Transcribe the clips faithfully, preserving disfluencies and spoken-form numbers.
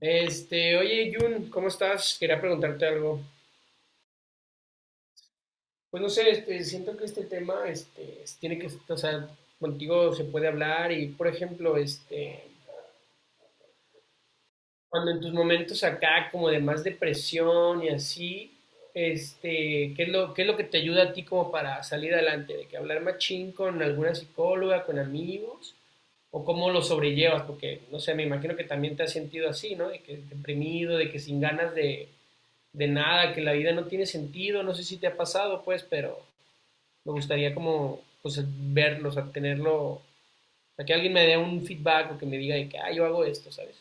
Este, oye, Jun, ¿cómo estás? Quería preguntarte algo. Pues no sé, este, siento que este tema, este, es- tiene que, o sea, contigo se puede hablar y, por ejemplo, este, cuando en tus momentos acá como de más depresión y así, este, ¿qué es lo, ¿qué es lo que te ayuda a ti como para salir adelante? ¿De que hablar machín con alguna psicóloga, con amigos? ¿O cómo lo sobrellevas? Porque, no sé, me imagino que también te has sentido así, ¿no? De que deprimido, de que sin ganas de, de nada, que la vida no tiene sentido, no sé si te ha pasado, pues, pero me gustaría como, pues, verlo, o sea, tenerlo, a que alguien me dé un feedback o que me diga de que, ah, yo hago esto, ¿sabes?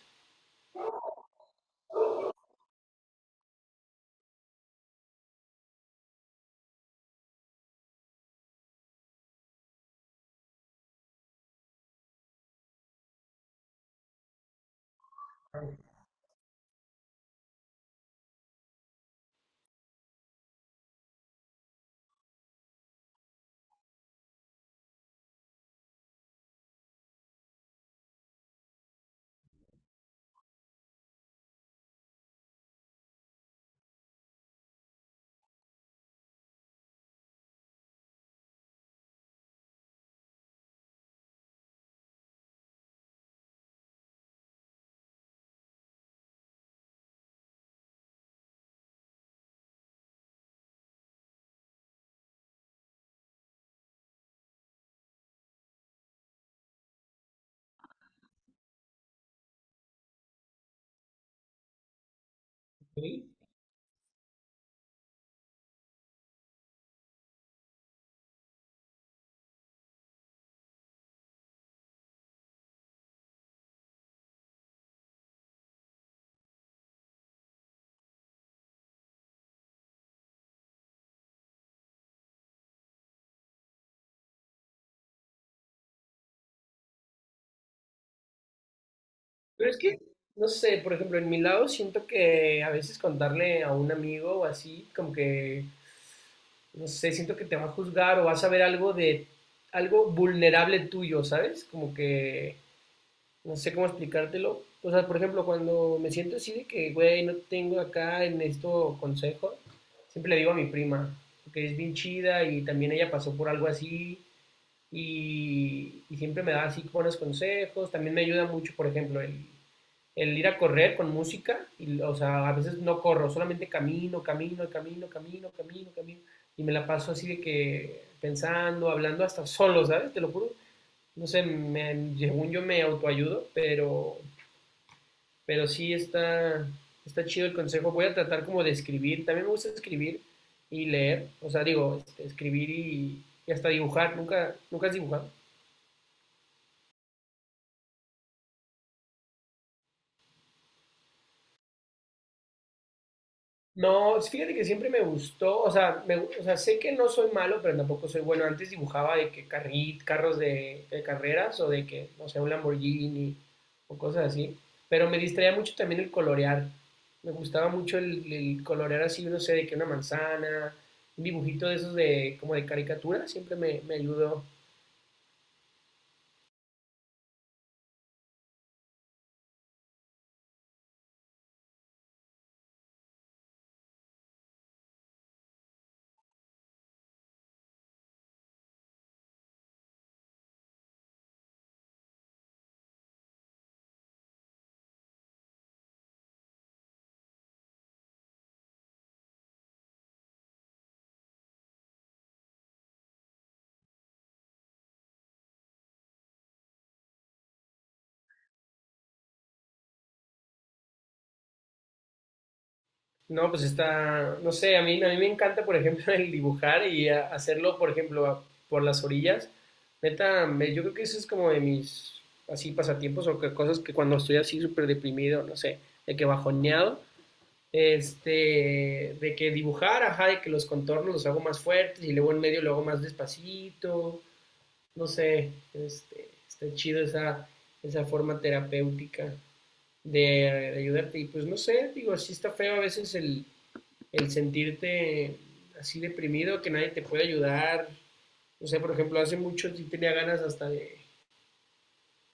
Sí. Pero es que, no sé, por ejemplo, en mi lado siento que a veces contarle a un amigo o así, como que, no sé, siento que te va a juzgar o vas a ver algo de, algo vulnerable tuyo, ¿sabes? Como que no sé cómo explicártelo. O sea, por ejemplo, cuando me siento así de que, güey, no tengo acá, necesito consejo, siempre le digo a mi prima, que es bien chida y también ella pasó por algo así y, y siempre me da así buenos consejos. También me ayuda mucho, por ejemplo, el, el ir a correr con música. Y, o sea, a veces no corro, solamente camino, camino, camino, camino, camino, camino. Y me la paso así de que pensando, hablando hasta solo, ¿sabes? Te lo juro, no sé, me, según yo me autoayudo, pero, pero sí está, está chido el consejo. Voy a tratar como de escribir, también me gusta escribir y leer, o sea, digo, este, escribir y, y hasta dibujar, nunca, nunca has dibujado. No, sí, fíjate que siempre me gustó, o sea, me o sea, sé que no soy malo, pero tampoco soy bueno. Antes dibujaba de que carri- carros de, de carreras o de que, no sé, un Lamborghini o cosas así, pero me distraía mucho también el colorear. Me gustaba mucho el, el colorear así, no sé, de que una manzana, un dibujito de esos de como de caricatura, siempre me, me ayudó. No, pues está, no sé, a mí, a mí me encanta, por ejemplo, el dibujar y a- hacerlo, por ejemplo, a- por las orillas. Neta, me- yo creo que eso es como de mis, así, pasatiempos o que, cosas que cuando estoy así súper deprimido, no sé, de que bajoneado, este, de que dibujar, ajá, de que los contornos los hago más fuertes y luego en medio lo hago más despacito, no sé, este, está chido esa, esa forma terapéutica de, de ayudarte. Y pues no sé, digo, sí está feo a veces el, el sentirte así deprimido, que nadie te puede ayudar. O sea, por ejemplo, hace mucho sí tenía ganas hasta de,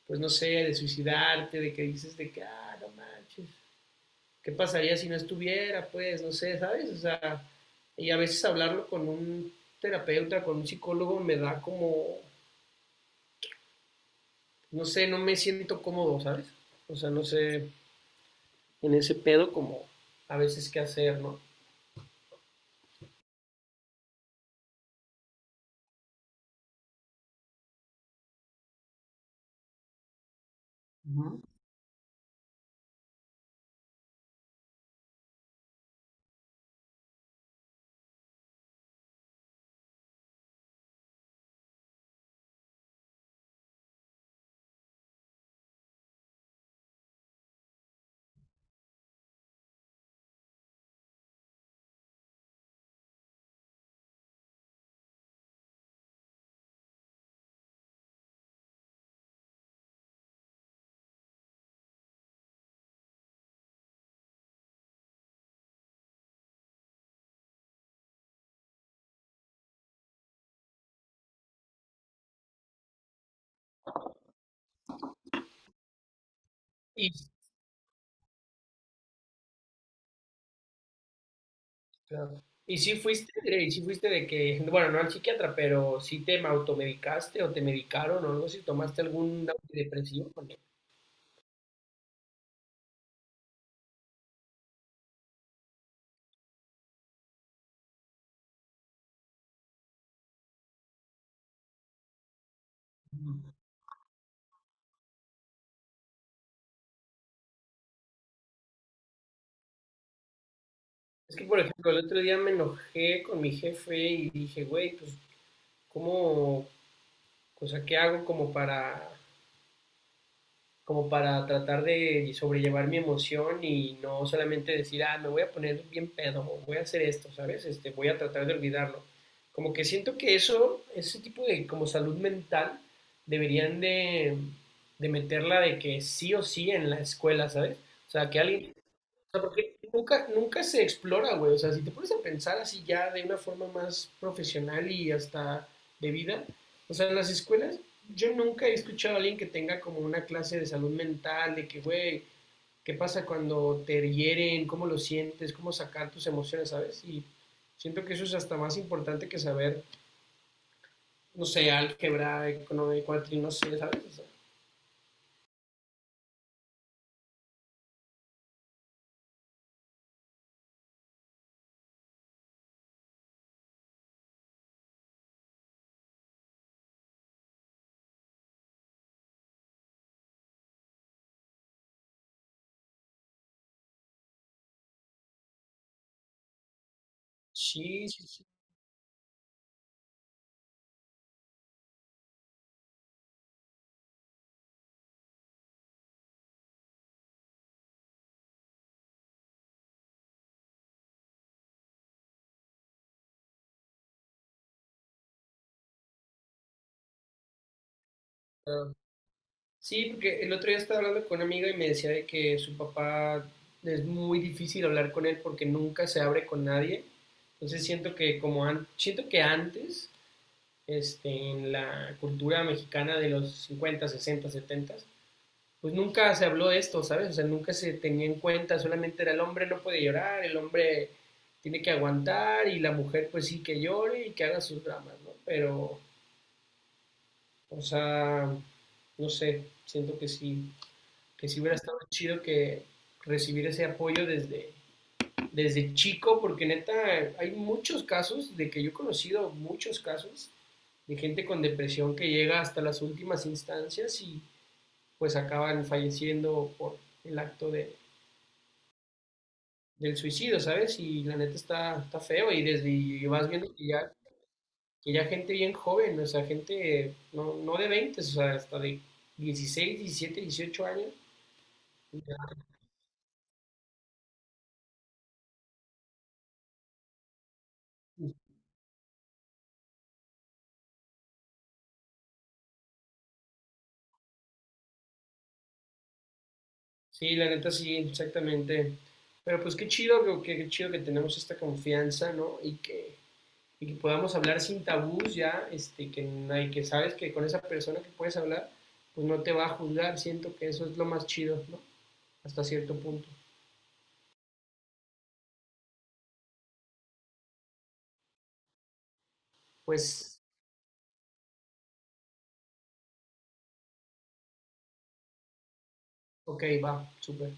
pues no sé, de suicidarte, de que dices de que, ah, no manches, ¿qué pasaría si no estuviera? Pues, no sé, ¿sabes? O sea, y a veces hablarlo con un terapeuta, con un psicólogo, me da como, no sé, no me siento cómodo, ¿sabes? O sea, no sé, en ese pedo como a veces qué hacer, ¿no? Uh -huh. Y claro. ¿Y si fuiste, ¿y si fuiste de que, bueno, no al psiquiatra, pero si te automedicaste o te medicaron o algo, si tomaste algún antidepresivo? Porque es que, por ejemplo, el otro día me enojé con mi jefe y dije, güey, pues, ¿cómo, o sea, qué hago como para como para tratar de sobrellevar mi emoción y no solamente decir, ah, me voy a poner bien pedo, o voy a hacer esto, ¿sabes? Este, voy a tratar de olvidarlo. Como que siento que eso, ese tipo de como salud mental, deberían de, de meterla de que sí o sí en la escuela, ¿sabes? O sea, que alguien, o sea, porque nunca, nunca se explora, güey. O sea, si te pones a pensar así ya de una forma más profesional y hasta de vida, o sea, en las escuelas yo nunca he escuchado a alguien que tenga como una clase de salud mental, de que, güey, ¿qué pasa cuando te hieren? ¿Cómo lo sientes? ¿Cómo sacar tus emociones, sabes? Y siento que eso es hasta más importante que saber, no sé, álgebra, economía, cuatrino, no sé, ¿sabes? O sea, sí, sí, sí. Sí, porque el otro día estaba hablando con una amiga y me decía de que su papá es muy difícil hablar con él porque nunca se abre con nadie. Entonces siento que como an- siento que antes, este, en la cultura mexicana de los cincuenta, sesenta, setenta, pues nunca se habló de esto, ¿sabes? O sea, nunca se tenía en cuenta, solamente era el hombre no puede llorar, el hombre tiene que aguantar y la mujer pues sí que llore y que haga sus dramas, ¿no? Pero, o sea, no sé, siento que sí, que sí hubiera estado chido que recibir ese apoyo desde, desde chico, porque neta hay muchos casos de que yo he conocido muchos casos de gente con depresión que llega hasta las últimas instancias y pues acaban falleciendo por el acto de, del suicidio, ¿sabes? Y la neta está, está feo y desde y vas viendo que ya, que ya gente bien joven, o sea, gente no, no de veinte, o sea, hasta de dieciséis, diecisiete, dieciocho años, ya, sí, la neta sí, exactamente. Pero pues qué chido, que- que- qué chido que tenemos esta confianza, ¿no? Y que, y que podamos hablar sin tabús ya, este, que, nadie- que sabes que con esa persona que puedes hablar, pues no te va a juzgar. Siento que eso es lo más chido, ¿no? Hasta cierto punto. Pues, ok, va, súper.